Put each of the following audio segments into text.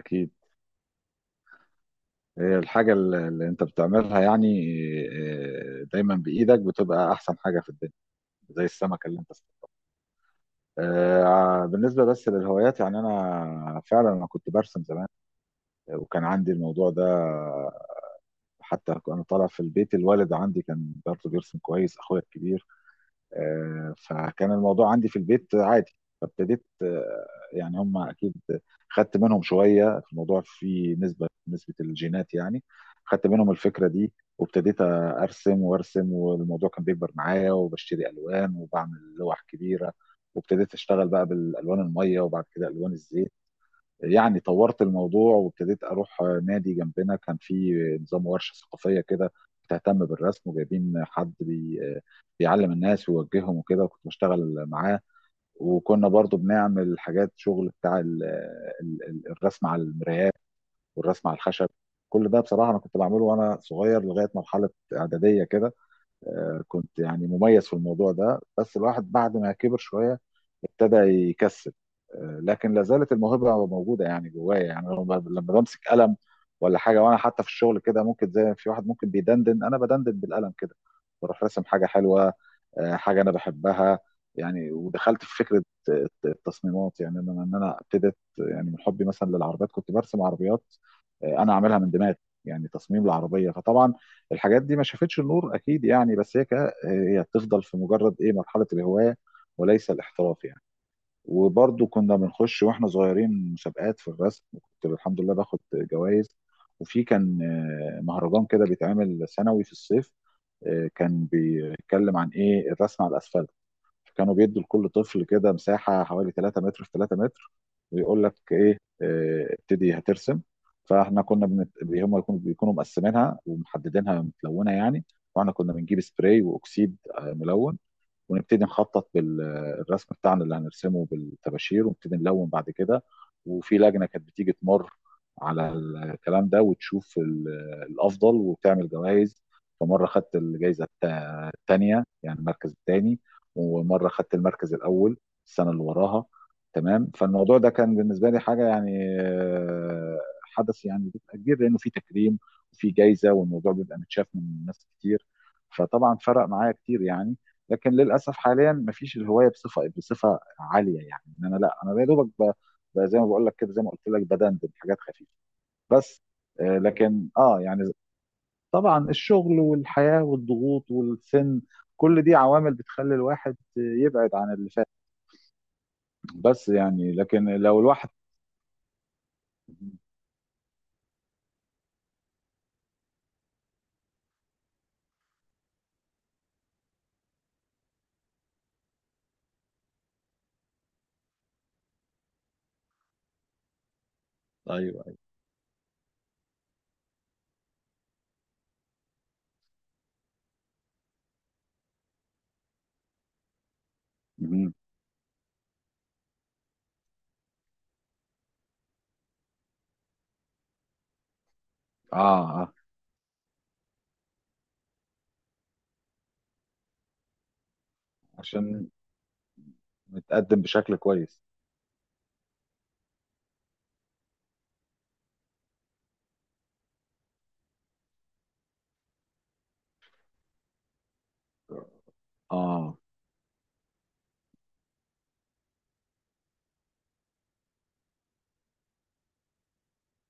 أكيد. هي الحاجة اللي أنت بتعملها يعني. دايما بإيدك بتبقى أحسن حاجة في الدنيا، زي السمكة اللي أنت صنعتها. بالنسبة بس للهوايات، يعني أنا فعلا كنت برسم زمان، وكان عندي الموضوع ده. حتى أنا طالع في البيت، الوالد عندي كان برضه بيرسم كويس، أخويا الكبير. فكان الموضوع عندي في البيت عادي. فابتديت، يعني هم اكيد خدت منهم شويه في الموضوع، في نسبه الجينات يعني. خدت منهم الفكره دي وابتديت ارسم وارسم، والموضوع كان بيكبر معايا، وبشتري الوان وبعمل لوح كبيره. وابتديت اشتغل بقى بالالوان الميه، وبعد كده الوان الزيت. يعني طورت الموضوع، وابتديت اروح نادي جنبنا، كان في نظام ورشه ثقافيه كده بتهتم بالرسم، وجايبين حد بي بيعلم الناس ويوجههم وكده، وكنت بشتغل معاه. وكنا برضو بنعمل حاجات، شغل بتاع ال الرسم على المرايات والرسم على الخشب. كل ده بصراحه انا كنت بعمله وانا صغير لغايه مرحله اعداديه كده. كنت يعني مميز في الموضوع ده، بس الواحد بعد ما كبر شوية ابتدى يكسل. لكن لا زالت الموهبة موجودة يعني جوايا. يعني أنا لما بمسك قلم ولا حاجة، وأنا حتى في الشغل كده ممكن، زي في واحد ممكن بيدندن، أنا بدندن بالقلم كده، بروح راسم حاجة حلوة. حاجة أنا بحبها. يعني ودخلت في فكرة التصميمات، يعني أنا إن أنا ابتديت يعني من حبي مثلا للعربيات، كنت برسم عربيات. أنا عاملها من دماغي، يعني تصميم العربية. فطبعا الحاجات دي ما شافتش النور اكيد يعني، بس هي هي بتفضل في مجرد ايه، مرحله الهوايه وليس الاحتراف يعني. وبرضه كنا بنخش واحنا صغيرين مسابقات في الرسم، وكنت الحمد لله باخد جوائز. وفي كان مهرجان كده بيتعمل سنوي في الصيف. كان بيتكلم عن ايه، الرسم على الاسفلت. فكانوا بيدوا لكل طفل كده مساحة حوالي 3 متر في 3 متر، ويقول لك ايه، ابتدي هترسم. فاحنا كنا هم يكونوا بيكونوا مقسمينها ومحددينها متلونة يعني. واحنا كنا بنجيب سبراي واكسيد ملون، ونبتدي نخطط بالرسم بتاعنا اللي هنرسمه بالطباشير، ونبتدي نلون بعد كده. وفي لجنة كانت بتيجي تمر على الكلام ده، وتشوف الأفضل، وتعمل جوائز. فمرة خدت الجائزة الثانية، يعني المركز الثاني، ومرة خدت المركز الأول السنة اللي وراها. تمام. فالموضوع ده كان بالنسبة لي حاجة يعني، حدث يعني بيبقى كبير، لأنه في تكريم وفي جائزة، والموضوع بيبقى متشاف من ناس كتير. فطبعا فرق معايا كتير يعني. لكن للاسف حاليا مفيش الهوايه بصفه عاليه، يعني ان انا لا انا يا دوبك، زي ما بقول لك كده، زي ما قلت لك، بدندن حاجات خفيفه بس. لكن اه يعني طبعا الشغل والحياه والضغوط والسن، كل دي عوامل بتخلي الواحد يبعد عن اللي فات. بس يعني لكن لو الواحد. ايوه ايوه. مهم. اه اه. عشان نتقدم بشكل كويس. اه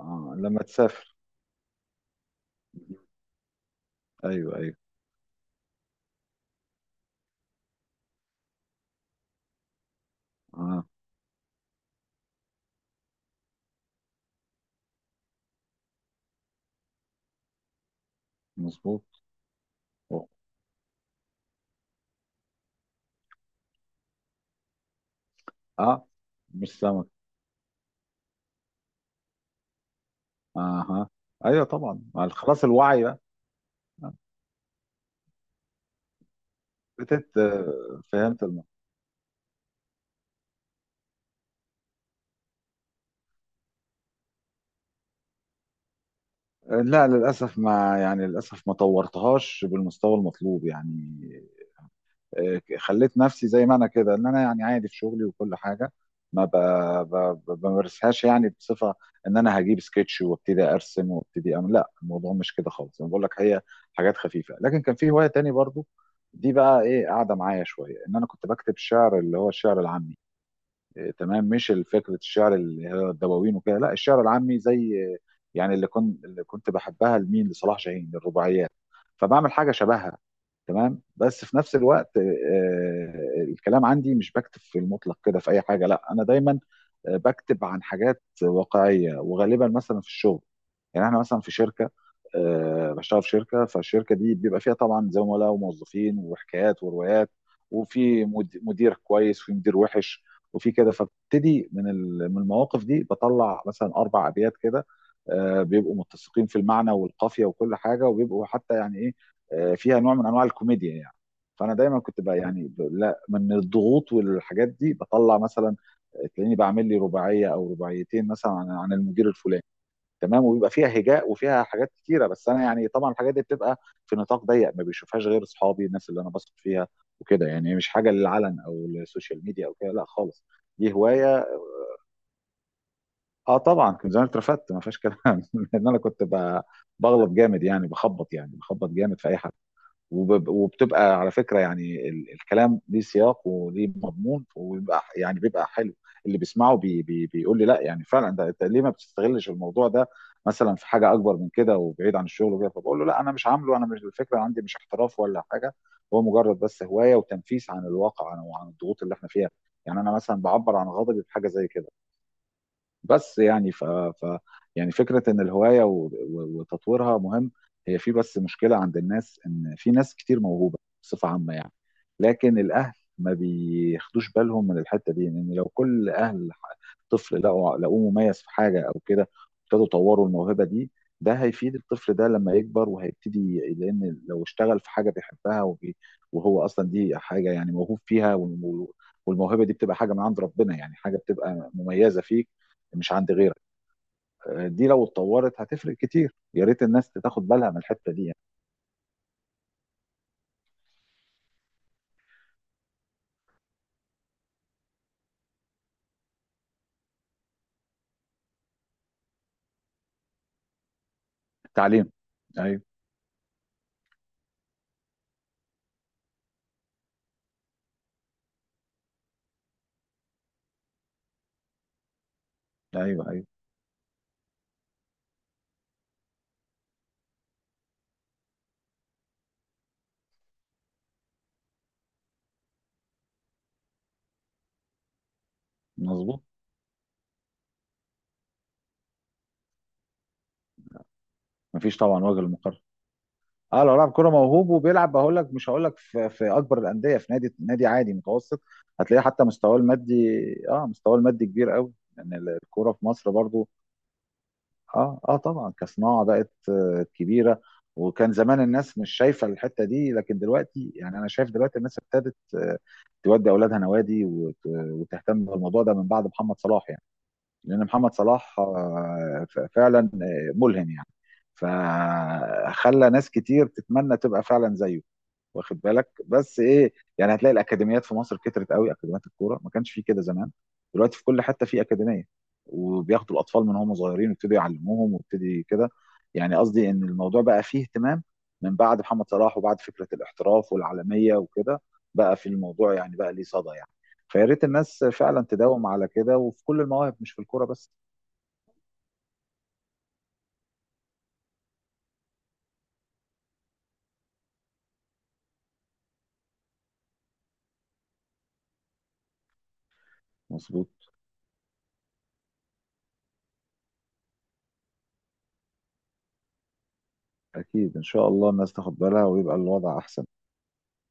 اه، لما تسافر. ايوه ايوه. اه مظبوط. اه مش سمك. اها. ايوه طبعا، مع خلاص الوعي بقى. بتت فهمت لا للاسف، ما يعني للاسف ما طورتهاش بالمستوى المطلوب يعني. خليت نفسي زي ما انا كده، ان انا يعني عادي في شغلي وكل حاجه. ما بمارسهاش يعني بصفه، ان انا هجيب سكتش وابتدي ارسم وابتدي اعمل، لا الموضوع مش كده خالص. انا بقول لك هي حاجات خفيفه. لكن كان في هوايه تاني برضو، دي بقى ايه قاعده معايا شويه، ان انا كنت بكتب شعر، اللي هو الشعر العامي. تمام. مش فكره الشعر اللي هي الدواوين وكده، لا الشعر العامي زي، يعني اللي كنت بحبها لمين، لصلاح جاهين، للرباعيات. فبعمل حاجه شبهها. تمام. بس في نفس الوقت الكلام عندي مش بكتب في المطلق كده في اي حاجه، لا انا دايما بكتب عن حاجات واقعيه، وغالبا مثلا في الشغل. يعني احنا مثلا في شركه، بشتغل في شركه، فالشركه دي بيبقى فيها طبعا زملاء وموظفين، وحكايات وروايات، وفي مدير كويس وفي مدير وحش وفي كده. فابتدي من من المواقف دي بطلع مثلا اربع ابيات كده. بيبقوا متسقين في المعنى والقافيه وكل حاجه، وبيبقوا حتى يعني ايه، فيها نوع من انواع الكوميديا يعني. فانا دايما كنت بقى يعني، لا من الضغوط والحاجات دي بطلع مثلا، تلاقيني بعمل لي رباعيه او رباعيتين مثلا عن المدير الفلاني. تمام. وبيبقى فيها هجاء وفيها حاجات كتيره. بس انا يعني طبعا الحاجات دي بتبقى في نطاق ضيق، ما بيشوفهاش غير اصحابي، الناس اللي انا بثق فيها وكده. يعني مش حاجه للعلن او للسوشيال ميديا او كده، لا خالص. دي هوايه. اه طبعا، كنت زمان اترفدت ما فيهاش كلام لان انا كنت بغلط جامد يعني، بخبط يعني بخبط جامد في اي حاجه. وبتبقى على فكرة، يعني الكلام ليه سياق وليه مضمون، وبيبقى يعني بيبقى حلو. اللي بيسمعه بي بي بيقول لي لا يعني فعلا، ده انت ليه ما بتستغلش الموضوع ده، مثلا في حاجة أكبر من كده وبعيد عن الشغل وكده. فبقول له لا أنا مش عامله، أنا مش، الفكرة عندي مش احتراف ولا حاجة. هو مجرد بس هواية، وتنفيس عن الواقع وعن الضغوط اللي احنا فيها. يعني أنا مثلا بعبر عن غضبي بحاجة زي كده. بس يعني يعني فكرة إن الهواية وتطويرها مهم. هي في بس مشكلة عند الناس، إن في ناس كتير موهوبة بصفة عامة يعني. لكن الأهل ما بياخدوش بالهم من الحتة دي، لأن لو كل أهل طفل لقوه مميز في حاجة أو كده، ابتدوا يطوروا الموهبة دي. ده هيفيد الطفل ده لما يكبر، وهيبتدي، لأن لو اشتغل في حاجة بيحبها، وهو أصلا دي حاجة يعني موهوب فيها، والموهبة دي بتبقى حاجة من عند ربنا، يعني حاجة بتبقى مميزة فيك مش عند غيرك. دي لو اتطورت هتفرق كتير، يا ريت الناس تاخد بالها من الحته دي يعني. التعليم. ايوه ايوه. ايوه مظبوط. مفيش طبعا وجه للمقارنه. اه لو لاعب كوره موهوب وبيلعب، هقول لك مش هقول لك في اكبر الانديه، في نادي عادي متوسط، هتلاقيه حتى مستواه المادي. اه مستواه المادي كبير قوي، لان يعني الكوره في مصر برضو، اه اه طبعا كصناعه بقت كبيره. وكان زمان الناس مش شايفه الحته دي، لكن دلوقتي يعني انا شايف دلوقتي الناس ابتدت تودي اولادها نوادي، وتهتم بالموضوع ده من بعد محمد صلاح يعني. لان محمد صلاح فعلا ملهم يعني، فخلى ناس كتير تتمنى تبقى فعلا زيه. واخد بالك، بس ايه، يعني هتلاقي الاكاديميات في مصر كترت قوي، اكاديميات الكوره ما كانش في كده زمان، دلوقتي في كل حته في اكاديميه، وبياخدوا الاطفال من هم صغيرين ويبتدوا يعلموهم ويبتدي كده. يعني قصدي ان الموضوع بقى فيه اهتمام من بعد محمد صلاح، وبعد فكره الاحتراف والعالميه وكده، بقى في الموضوع، يعني بقى ليه صدى يعني. فيا ريت الناس فعلا تداوم على كده، وفي كل المواهب مش في الكوره بس. مظبوط. اكيد ان شاء الله الناس تاخد بالها، ويبقى الوضع احسن.